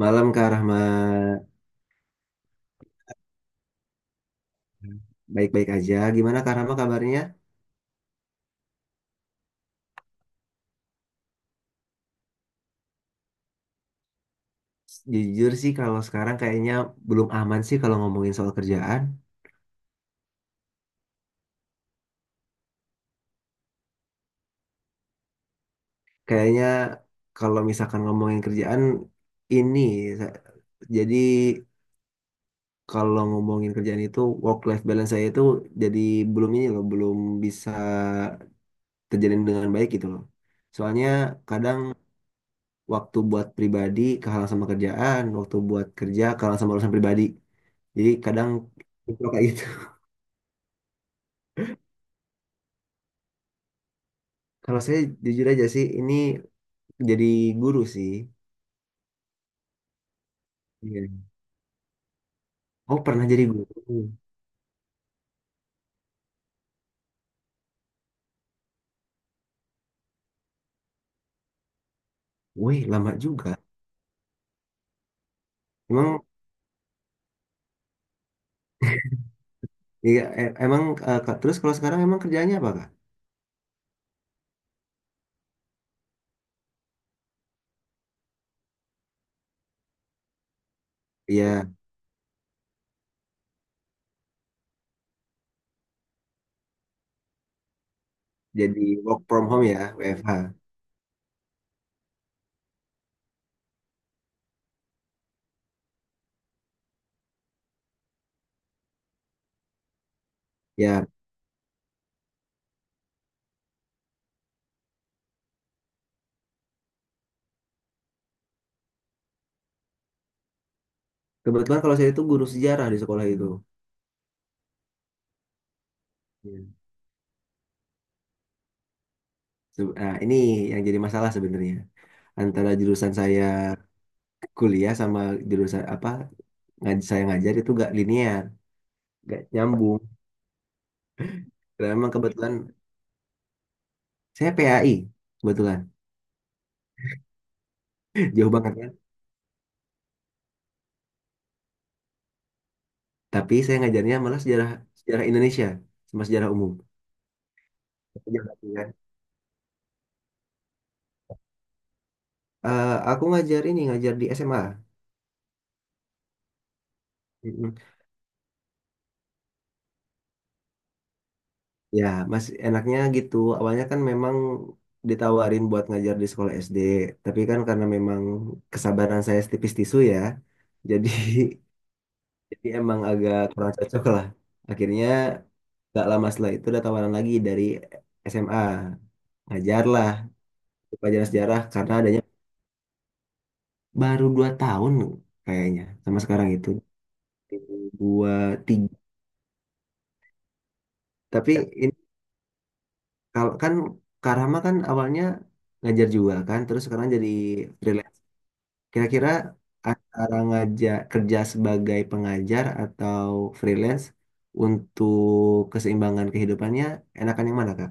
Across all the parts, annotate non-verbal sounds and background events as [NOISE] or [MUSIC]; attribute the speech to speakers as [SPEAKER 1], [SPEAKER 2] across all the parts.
[SPEAKER 1] Malam Kak Rahma, baik-baik aja. Gimana Kak Rahma kabarnya? Jujur sih kalau sekarang kayaknya belum aman sih kalau ngomongin soal kerjaan. Kayaknya kalau misalkan ngomongin kerjaan ini, sa- jadi kalau ngomongin kerjaan itu work life balance saya itu jadi belum ini loh, belum bisa terjalin dengan baik gitu loh. Soalnya kadang waktu buat pribadi kalah sama kerjaan, waktu buat kerja kalah sama urusan pribadi. Jadi kadang [LAUGHS] kayak gitu. Kalau saya jujur aja sih, ini jadi guru sih. Iya. Oh, pernah jadi guru. Wih, lama juga. Emang, iya, emang, Kak, terus kalau sekarang emang kerjanya apa, Kak? Iya, jadi work from home ya, WFH. Ya, kebetulan kalau saya itu guru sejarah di sekolah itu. Iya. Nah, ini yang jadi masalah sebenarnya. Antara jurusan saya kuliah sama jurusan apa saya ngajar itu gak linear, gak nyambung. Dan emang kebetulan saya PAI, kebetulan. [LAUGHS] Jauh banget. Tapi saya ngajarnya malah sejarah sejarah Indonesia sama sejarah umum. Iya, iya. Eh, aku ngajar di SMA. Mm-mm. Ya, mas enaknya gitu. Awalnya kan memang ditawarin buat ngajar di sekolah SD, tapi kan karena memang kesabaran saya setipis tisu ya, jadi [LAUGHS] jadi emang agak kurang cocok lah. Akhirnya gak lama setelah itu ada tawaran lagi dari SMA, ngajar lah pelajaran sejarah karena adanya baru 2 tahun kayaknya sama sekarang itu. Dua, tiga. Tapi ini, kalau kan Karama kan awalnya ngajar juga kan, terus sekarang jadi freelance, kira-kira antara ngajar, kerja sebagai pengajar atau freelance, untuk keseimbangan kehidupannya enakan yang mana kak?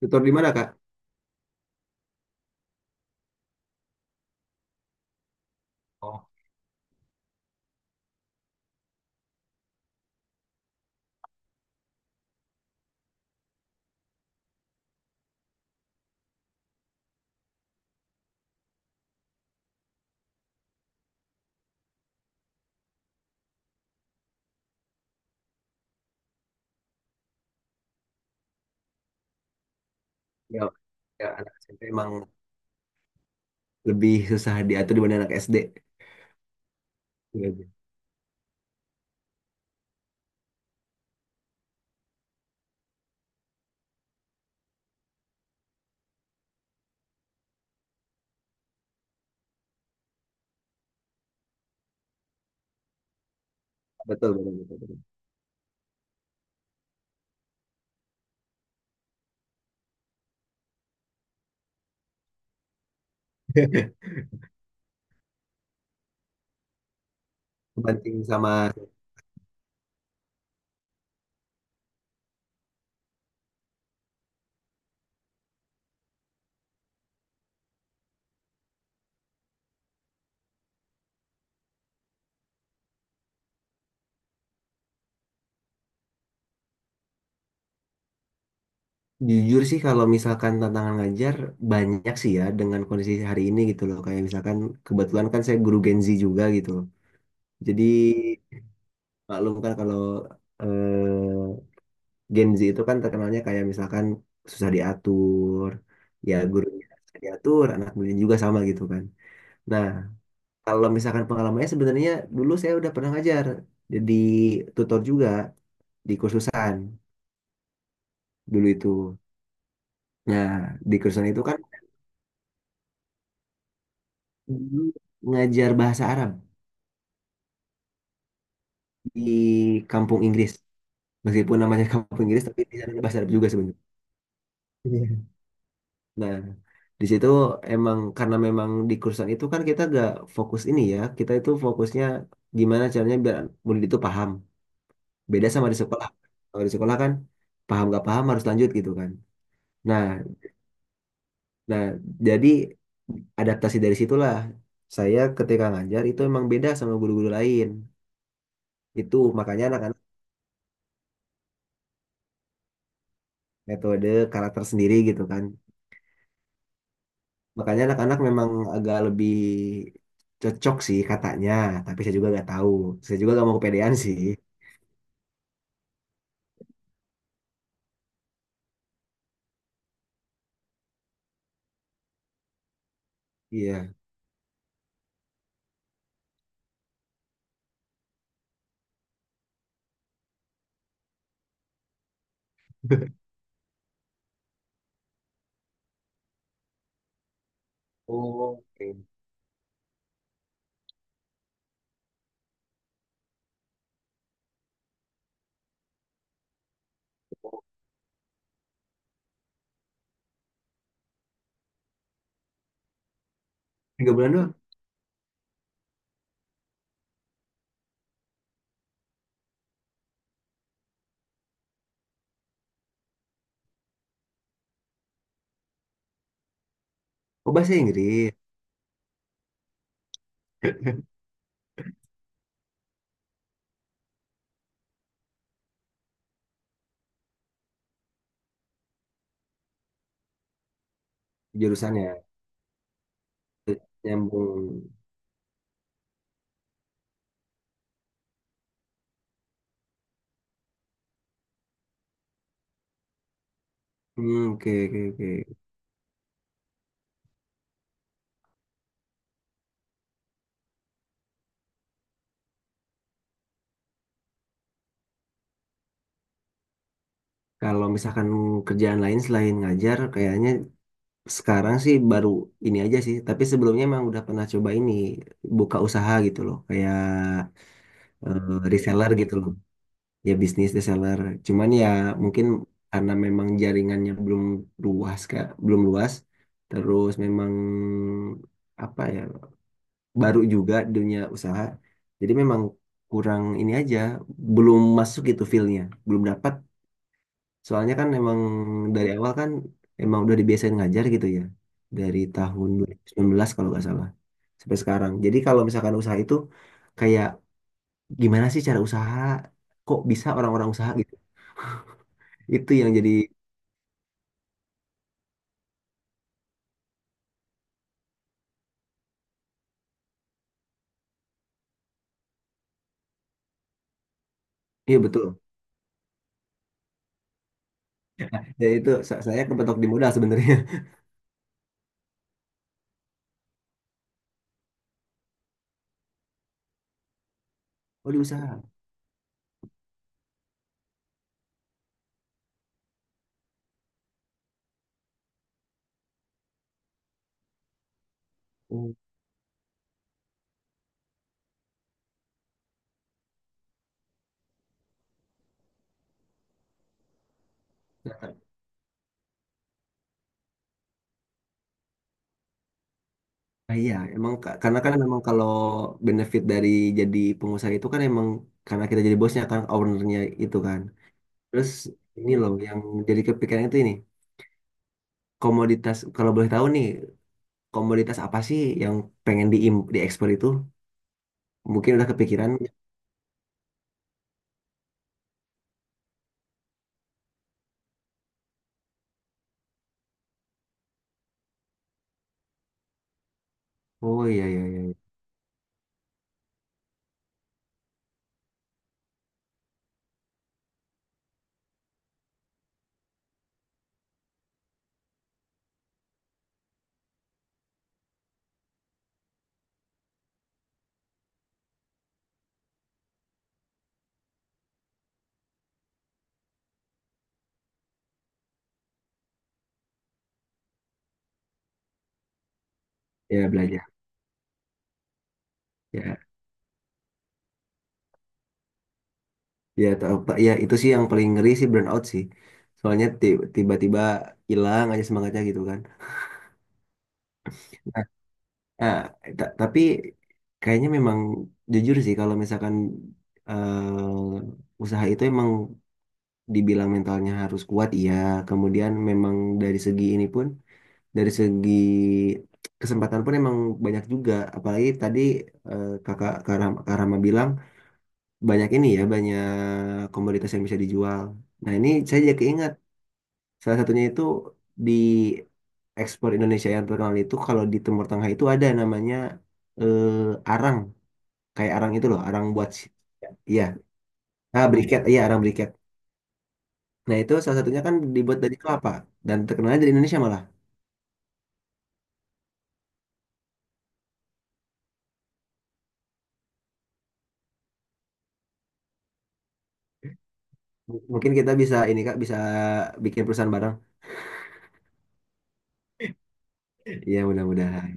[SPEAKER 1] Tutor di mana kak? Oh, ya, ya, anak SMP emang lebih susah diatur dibanding anak SD. Iya, iya. Betul betul betul, betul. [LAUGHS] Kebanting sama... Jujur sih kalau misalkan tantangan ngajar banyak sih ya dengan kondisi hari ini gitu loh. Kayak misalkan kebetulan kan saya guru Gen Z juga gitu loh. Jadi maklum kan kalau eh, Gen Z itu kan terkenalnya kayak misalkan susah diatur. Ya gurunya susah diatur, anak muridnya juga sama gitu kan. Nah kalau misalkan pengalamannya sebenarnya dulu saya udah pernah ngajar. Jadi tutor juga di kursusan dulu itu. Nah di kursusan itu kan dulu ngajar bahasa Arab. Di kampung Inggris. Meskipun namanya [LAUGHS] kampung Inggris, tapi di sana ada bahasa Arab juga sebenarnya. Iya. Nah, di situ emang karena memang di kursusan itu kan kita gak fokus ini ya, kita itu fokusnya gimana caranya biar murid itu paham. Beda sama di sekolah. Kalau di sekolah kan paham gak paham harus lanjut gitu kan. Nah, nah, jadi adaptasi dari situlah saya ketika ngajar itu emang beda sama guru-guru lain. Itu makanya anak-anak metode karakter sendiri gitu kan. Makanya anak-anak memang agak lebih cocok sih katanya, tapi saya juga nggak tahu. Saya juga nggak mau kepedean sih. Iya. Oh, oke. 3 bulan doang. Oh, bahasa Inggris jurusannya. Nyambung. Hmm, oke, oke, oke. Kalau misalkan kerjaan lain selain ngajar, kayaknya sekarang sih baru ini aja sih. Tapi sebelumnya emang udah pernah coba ini, buka usaha gitu loh. Kayak reseller gitu loh. Ya bisnis reseller, cuman ya mungkin karena memang jaringannya belum luas kak, belum luas, terus memang apa ya, baru juga dunia usaha, jadi memang kurang ini aja, belum masuk gitu feel-nya, belum dapat. Soalnya kan emang dari awal kan emang udah dibiasain ngajar gitu ya, dari tahun 2019 kalau nggak salah, sampai sekarang. Jadi kalau misalkan usaha itu kayak, gimana sih cara usaha, kok bisa orang-orang usaha gitu. Itu yang jadi... iya, betul. Ya itu saya kepetok di modal sebenarnya. [LAUGHS] Oh di usaha. Oh, ternyata. Nah, iya, emang karena kan memang kalau benefit dari jadi pengusaha itu kan emang karena kita jadi bosnya kan, ownernya itu kan. Terus ini loh yang jadi kepikiran itu, ini komoditas, kalau boleh tahu nih, komoditas apa sih yang pengen diekspor itu? Mungkin udah kepikiran. Oh iya, iya, iya. Ya belajar. Ya. Ya, tau, Pak. Ya itu sih yang paling ngeri sih burnout sih. Soalnya tiba-tiba hilang aja semangatnya gitu kan. Nah, nah, tapi kayaknya memang jujur sih kalau misalkan usaha itu emang dibilang mentalnya harus kuat, iya. Kemudian memang dari segi ini pun, dari segi kesempatan pun emang banyak juga. Apalagi tadi kakak Karama, bilang banyak ini ya, banyak komoditas yang bisa dijual. Nah ini saya jadi keingat. Salah satunya itu di ekspor Indonesia yang terkenal itu kalau di Timur Tengah itu ada namanya arang, kayak arang itu loh, arang buat iya, ah briket, iya arang briket. Nah, itu salah satunya kan dibuat dari kelapa dan terkenalnya dari Indonesia malah. Mungkin kita bisa ini Kak, bisa bikin perusahaan bareng. Iya, mudah-mudahan.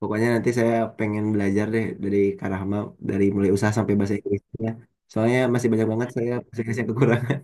[SPEAKER 1] Pokoknya nanti saya pengen belajar deh dari Kak Rahma, dari mulai usaha sampai bahasa Inggrisnya. Soalnya masih banyak banget saya bahasa Inggris yang kekurangan.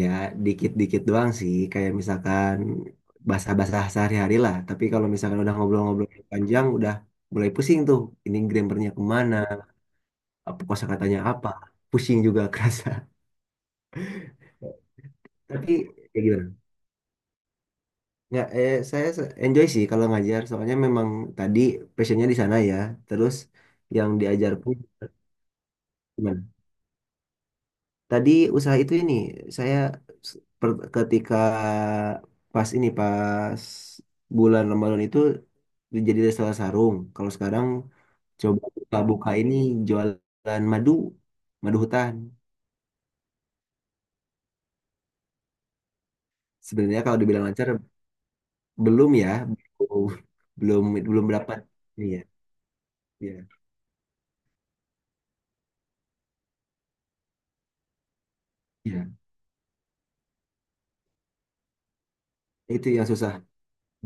[SPEAKER 1] Ya, dikit-dikit doang sih, kayak misalkan basah-basah sehari-hari lah. Tapi kalau misalkan udah ngobrol-ngobrol panjang, udah mulai pusing tuh. Ini grammarnya kemana, apa kosakatanya apa, pusing juga [LAUGHS] kerasa. Tapi ya gimana? Nggak saya enjoy sih kalau ngajar, soalnya memang tadi passionnya di sana ya. Terus yang diajar pun gimana? Tadi usaha itu ini saya ketika pas ini, pas bulan Ramadan itu, jadi restoran sarung. Kalau sekarang coba buka-buka ini, jualan madu, madu hutan. Sebenarnya kalau dibilang lancar belum ya, belum belum, belum dapat. Iya, iya, iya. Itu yang susah.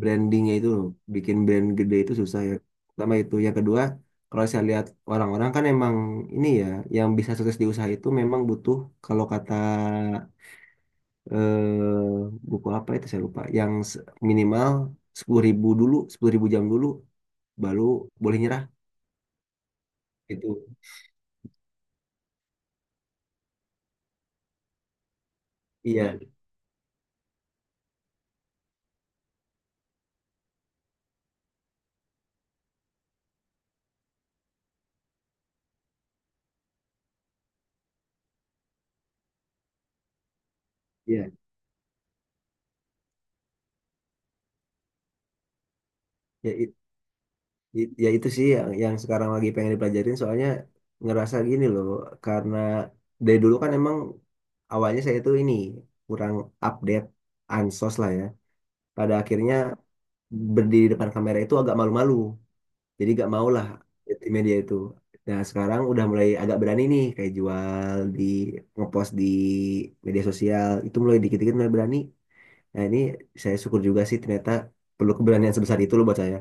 [SPEAKER 1] Brandingnya itu loh, bikin brand gede itu susah ya, pertama. Itu yang kedua, kalau saya lihat orang-orang kan emang ini ya, yang bisa sukses di usaha itu memang butuh, kalau kata buku apa itu saya lupa yang minimal 10.000 jam dulu baru boleh nyerah itu. Iya, iya, ya. Ya itu sih yang, sekarang lagi pengen dipelajarin, soalnya ngerasa gini loh, karena dari dulu kan emang awalnya saya itu ini kurang update, ansos lah ya. Pada akhirnya berdiri depan kamera itu agak malu-malu. Jadi gak mau lah di media itu. Nah sekarang udah mulai agak berani nih, kayak jual di, ngepost di media sosial itu mulai dikit-dikit mulai berani. Nah ini saya syukur juga sih, ternyata perlu keberanian sebesar itu loh buat saya.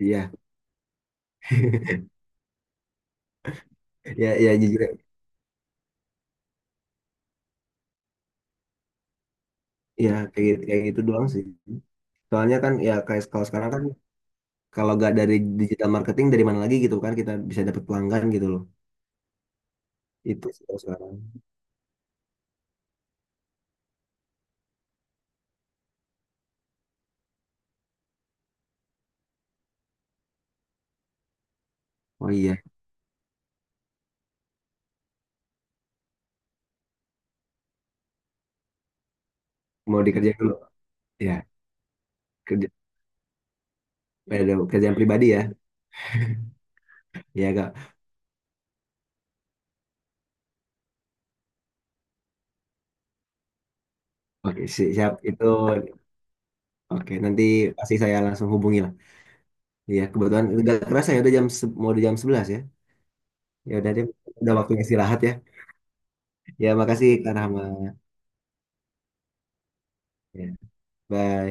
[SPEAKER 1] Iya. [LAUGHS] Ya, ya, jujur. Ya kayak gitu doang sih. Soalnya kan ya kayak kalau sekarang kan, kalau nggak dari digital marketing dari mana lagi gitu kan kita bisa dapat pelanggan gitu loh. Itu sih kalau sekarang. Oh iya, mau dikerjain dulu. Ya, kerja, pada kerjaan pribadi ya. Ya kak. Oke, siap itu. Oke, nanti pasti saya langsung hubungi lah. Iya, kebetulan udah kerasa ya, udah jam mau di jam 11 ya. Ya udah deh, udah waktunya istirahat ya. Ya, makasih Kak Rahma. Ya, bye.